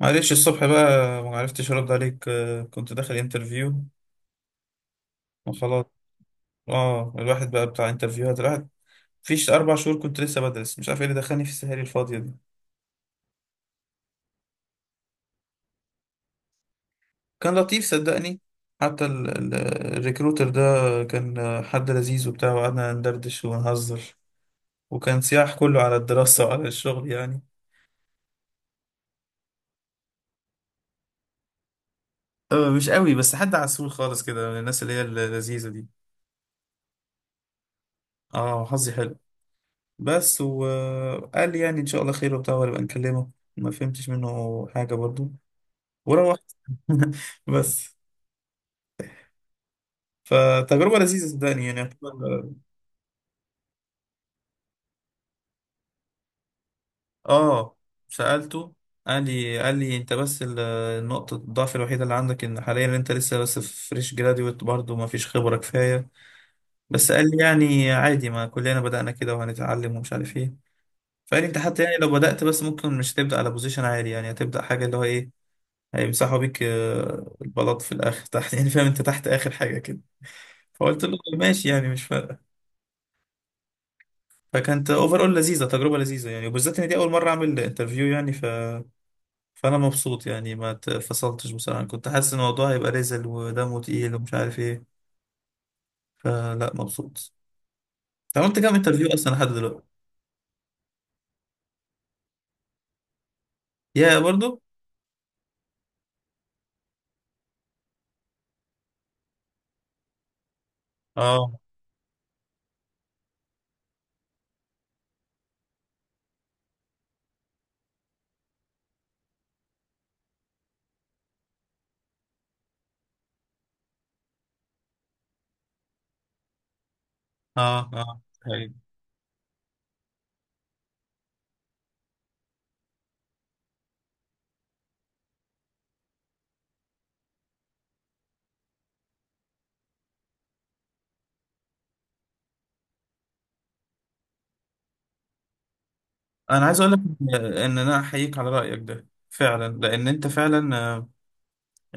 معلش الصبح بقى ما عرفتش ارد عليك، كنت داخل انترفيو وخلاص. اه، الواحد بقى بتاع انترفيوهات. الواحد فيش اربع شهور كنت لسه بدرس، مش عارف ايه اللي دخلني في السهاري الفاضيه دي. كان لطيف صدقني. حتى الريكروتر ده كان حد لذيذ وبتاع، وقعدنا ندردش ونهزر. وكان سياح كله على الدراسه وعلى الشغل يعني. مش قوي، بس حد عسول خالص كده من الناس اللي هي اللذيذه دي. اه، حظي حلو. بس وقال لي يعني ان شاء الله خير وبتاع وهبقى نكلمه. ما فهمتش منه حاجه برضو، وروحت. بس، فتجربه لذيذه صدقني، يعني اه، سالته. قال لي انت بس النقطه الضعف الوحيده اللي عندك ان حاليا انت لسه بس فريش جراديويت برضو، ما فيش خبره كفايه. بس قال لي يعني عادي، ما كلنا بدانا كده وهنتعلم ومش عارف ايه. فقال لي انت حتى يعني لو بدات، بس ممكن مش هتبدا على بوزيشن عالي، يعني هتبدا حاجه اللي هو ايه، هيمسحوا بيك البلاط في الاخر تحت، يعني فاهم، انت تحت اخر حاجه كده. فقلت له ماشي، يعني مش فارق. فكانت اوفر اول لذيذه، تجربه لذيذه يعني، وبالذات ان دي اول مره اعمل انترفيو يعني. فانا مبسوط يعني، ما اتفصلتش. بصراحه كنت حاسس ان الموضوع هيبقى رزل ودمه تقيل ومش عارف ايه. فلا، مبسوط. أنت عملت كام انترفيو اصلا لحد دلوقتي؟ يا برضو. اه. اه. اه. أيوة. انا عايز اقول لك إن انا احييك على رايك ده فعلا، لان انت فعلا،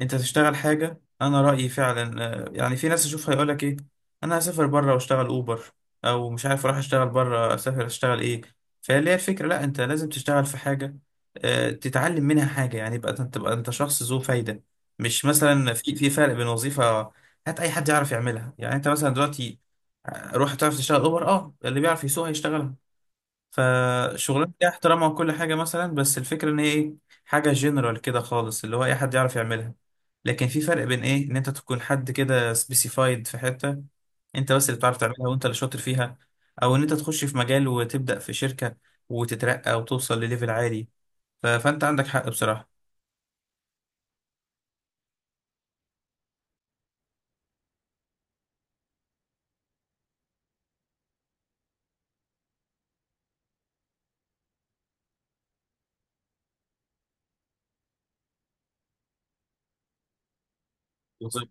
انت تشتغل حاجة. انا رأيي فعلا، يعني في ناس اشوفها يقولك ايه: انا هسافر بره واشتغل اوبر، او مش عارف، اروح اشتغل بره، اسافر، اشتغل ايه. فاللي هي الفكرة، لا، انت لازم تشتغل في حاجة تتعلم منها حاجة، يعني يبقى انت تبقى انت شخص ذو فايدة. مش مثلا، في فرق بين وظيفة هات اي حد يعرف يعملها، يعني انت مثلا دلوقتي روح تعرف تشتغل اوبر. اه، اللي بيعرف يسوق هيشتغلها. فشغلانه ليها احترامها وكل حاجه مثلا، بس الفكره ان هي ايه، حاجه جنرال كده خالص اللي هو اي حد يعرف يعملها. لكن في فرق بين ايه، ان انت تكون حد كده سبيسيفايد في حته، انت بس اللي بتعرف تعملها وانت اللي شاطر فيها. او ان انت تخش في مجال وتبدا في شركه وتترقى وتوصل لليفل عالي. فانت عندك حق بصراحه. بالظبط،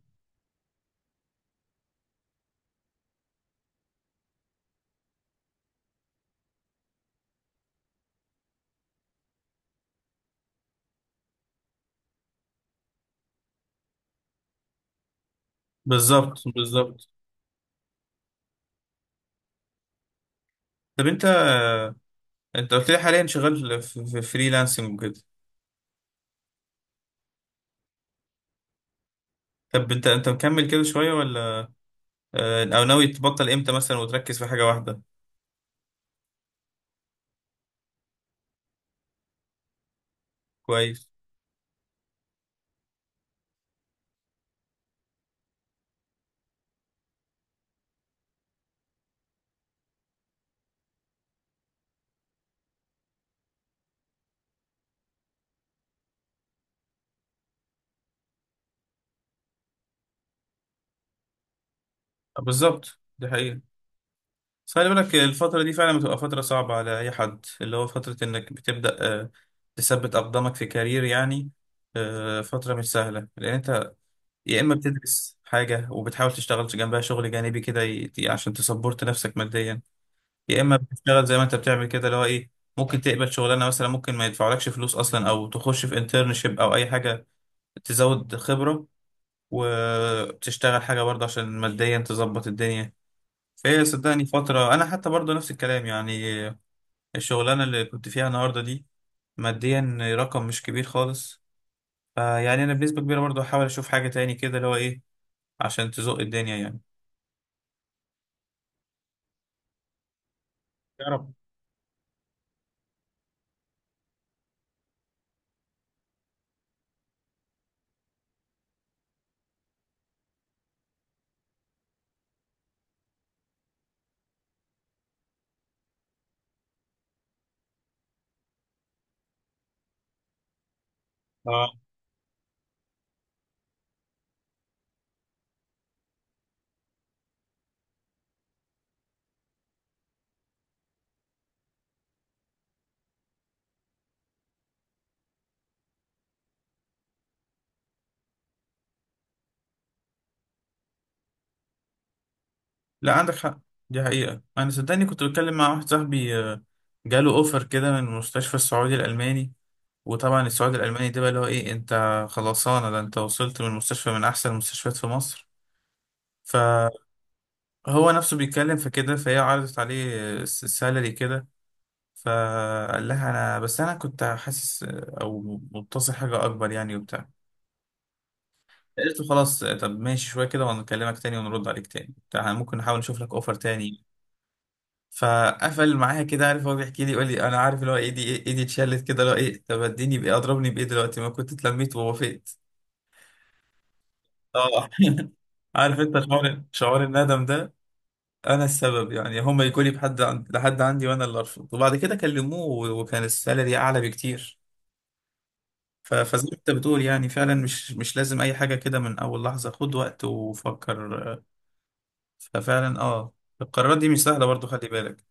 بالظبط، بالظبط. طب انت، قلت لي حاليا شغال في فريلانسنج وكده؟ طب انت، مكمل كده شويه، ولا او ناوي تبطل امتى مثلا وتركز في حاجه واحده؟ كويس. بالظبط، دي حقيقة. بس خلي بالك، الفترة دي فعلا بتبقى فترة صعبة على أي حد، اللي هو فترة إنك بتبدأ آه، تثبت أقدامك في كارير يعني. فترة مش سهلة، لأن أنت يا إما بتدرس حاجة وبتحاول تشتغل جنبها شغل جانبي كده عشان تسبورت نفسك ماديا. يا إما بتشتغل زي ما أنت بتعمل كده، اللي هو إيه، ممكن تقبل شغلانة مثلا ممكن ما يدفعولكش فلوس أصلا، أو تخش في انترنشيب أو أي حاجة تزود خبرة، وتشتغل حاجة برضه عشان ماديا تظبط الدنيا. ايه، صدقني فترة، انا حتى برضو نفس الكلام يعني. الشغلانة اللي كنت فيها النهاردة دي ماديا رقم مش كبير خالص. فيعني انا بنسبة كبيرة برضو هحاول اشوف حاجة تاني كده، اللي هو ايه، عشان تزق الدنيا يعني. يا رب. اه، لا عندك حق. دي حقيقة. انا صدقني كنت بتكلم مع واحد صاحبي، جاله اوفر كده من المستشفى السعودي الالماني. وطبعا السعودي الالماني ده بقى اللي هو ايه، انت خلصانة، ده انت وصلت من مستشفى من احسن المستشفيات في مصر. هو نفسه بيتكلم في كده، فهي عرضت عليه السالري كده. فقال لها انا كنت حاسس، او متصل حاجه اكبر يعني، وبتاع. قلت له خلاص، طب ماشي شويه كده وهنكلمك تاني ونرد عليك تاني بتاع، إحنا ممكن نحاول نشوف لك اوفر تاني. فقفل معايا كده، عارف، هو بيحكي لي يقول لي انا عارف اللي هو، ايدي اتشلت كده، اللي هو ايه، طب اديني بايه اضربني بايه دلوقتي، ما كنت اتلميت ووافقت. اه. عارف انت، شعور الندم ده. انا السبب يعني، هم يجوا لي لحد عندي وانا اللي ارفض، وبعد كده كلموه وكان السالري اعلى بكتير. فزي ما انت بتقول يعني، فعلا مش لازم اي حاجه كده من اول لحظه، خد وقت وفكر. ففعلا اه، القرارات دي مش سهله برضو، خلي بالك.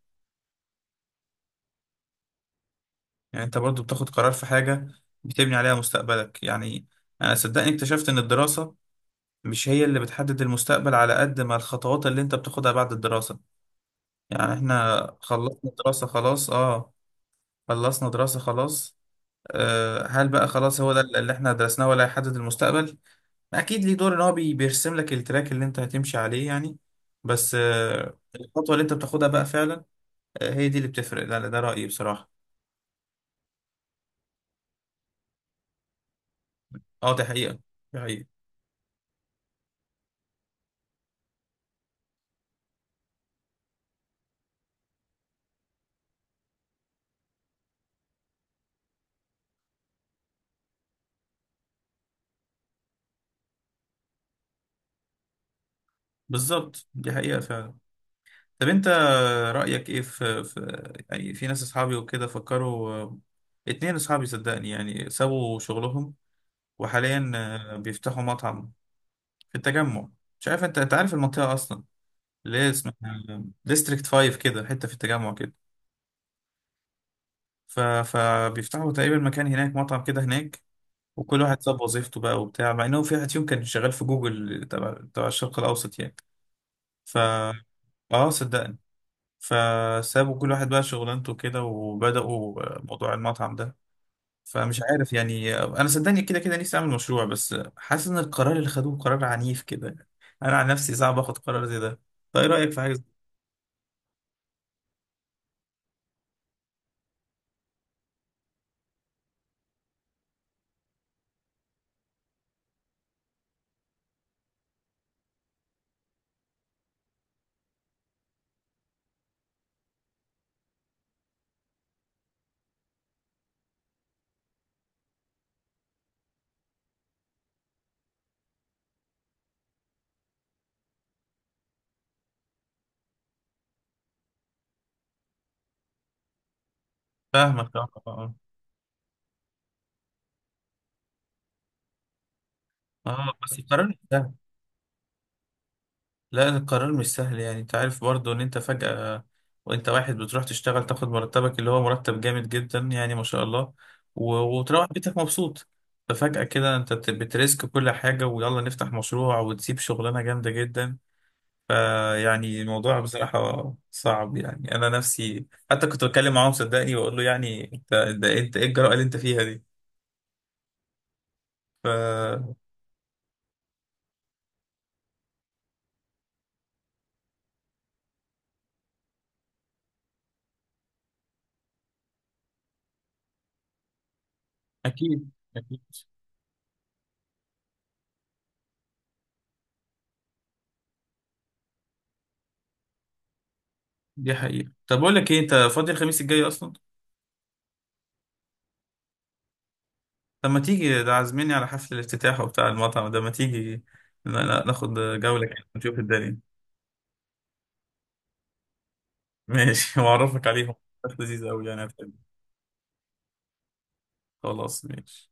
يعني انت برضو بتاخد قرار في حاجه بتبني عليها مستقبلك يعني. انا صدقني اكتشفت ان الدراسه مش هي اللي بتحدد المستقبل، على قد ما الخطوات اللي انت بتاخدها بعد الدراسه. يعني احنا خلصنا دراسه خلاص. هل بقى خلاص هو ده اللي احنا درسناه، ولا هيحدد المستقبل؟ اكيد ليه دور، ان هو بيرسم لك التراك اللي انت هتمشي عليه يعني. بس الخطوة اللي انت بتاخدها بقى فعلا هي دي اللي بتفرق. ده رأيي بصراحة. اه، دي حقيقة. دي حقيقة. بالظبط، دي حقيقة فعلا. طب انت، رأيك ايه في يعني في ناس اصحابي وكده فكروا، اتنين اصحابي صدقني يعني سابوا شغلهم، وحاليا بيفتحوا مطعم في التجمع. مش عارف انت، انت عارف المنطقة اصلا؟ ليه اسمها ديستريكت 5 كده، حتة في التجمع كده. فبيفتحوا تقريبا مكان هناك، مطعم كده هناك. وكل واحد ساب وظيفته بقى وبتاع، مع انه في واحد فيهم كان شغال في جوجل تبع الشرق الاوسط يعني. ف اه صدقني، فسابوا كل واحد بقى شغلانته كده، وبدأوا موضوع المطعم ده. فمش عارف يعني، انا صدقني كده كده نفسي اعمل مشروع، بس حاسس ان القرار اللي خدوه قرار عنيف كده. انا عن نفسي صعب اخد قرار زي ده. طيب ايه رأيك في حاجة فاهمك، اه، آه. اه بس القرار، لا، القرار مش سهل يعني، انت عارف برضو ان انت فجأة، وانت واحد بتروح تشتغل تاخد مرتبك، اللي هو مرتب جامد جدا يعني، ما شاء الله. و... وتروح بيتك مبسوط. ففجأة كده انت بتريسك كل حاجة، ويلا نفتح مشروع وتسيب شغلانة جامدة جدا. فيعني الموضوع بصراحة صعب يعني، انا نفسي حتى كنت بتكلم معاهم، صدقني، واقول له يعني، انت ده انت، ايه الجرأة اللي انت فيها دي؟ فأكيد. أكيد. دي حقيقة. طب أقول لك إيه، أنت فاضي الخميس الجاي أصلا؟ طب ما تيجي، ده عازميني على حفل الافتتاح وبتاع المطعم ده. ما تيجي ناخد جولة كده، نشوف الدنيا. ماشي. وأعرفك عليهم، ناس لذيذة أوي يعني، هتحب. خلاص، ماشي.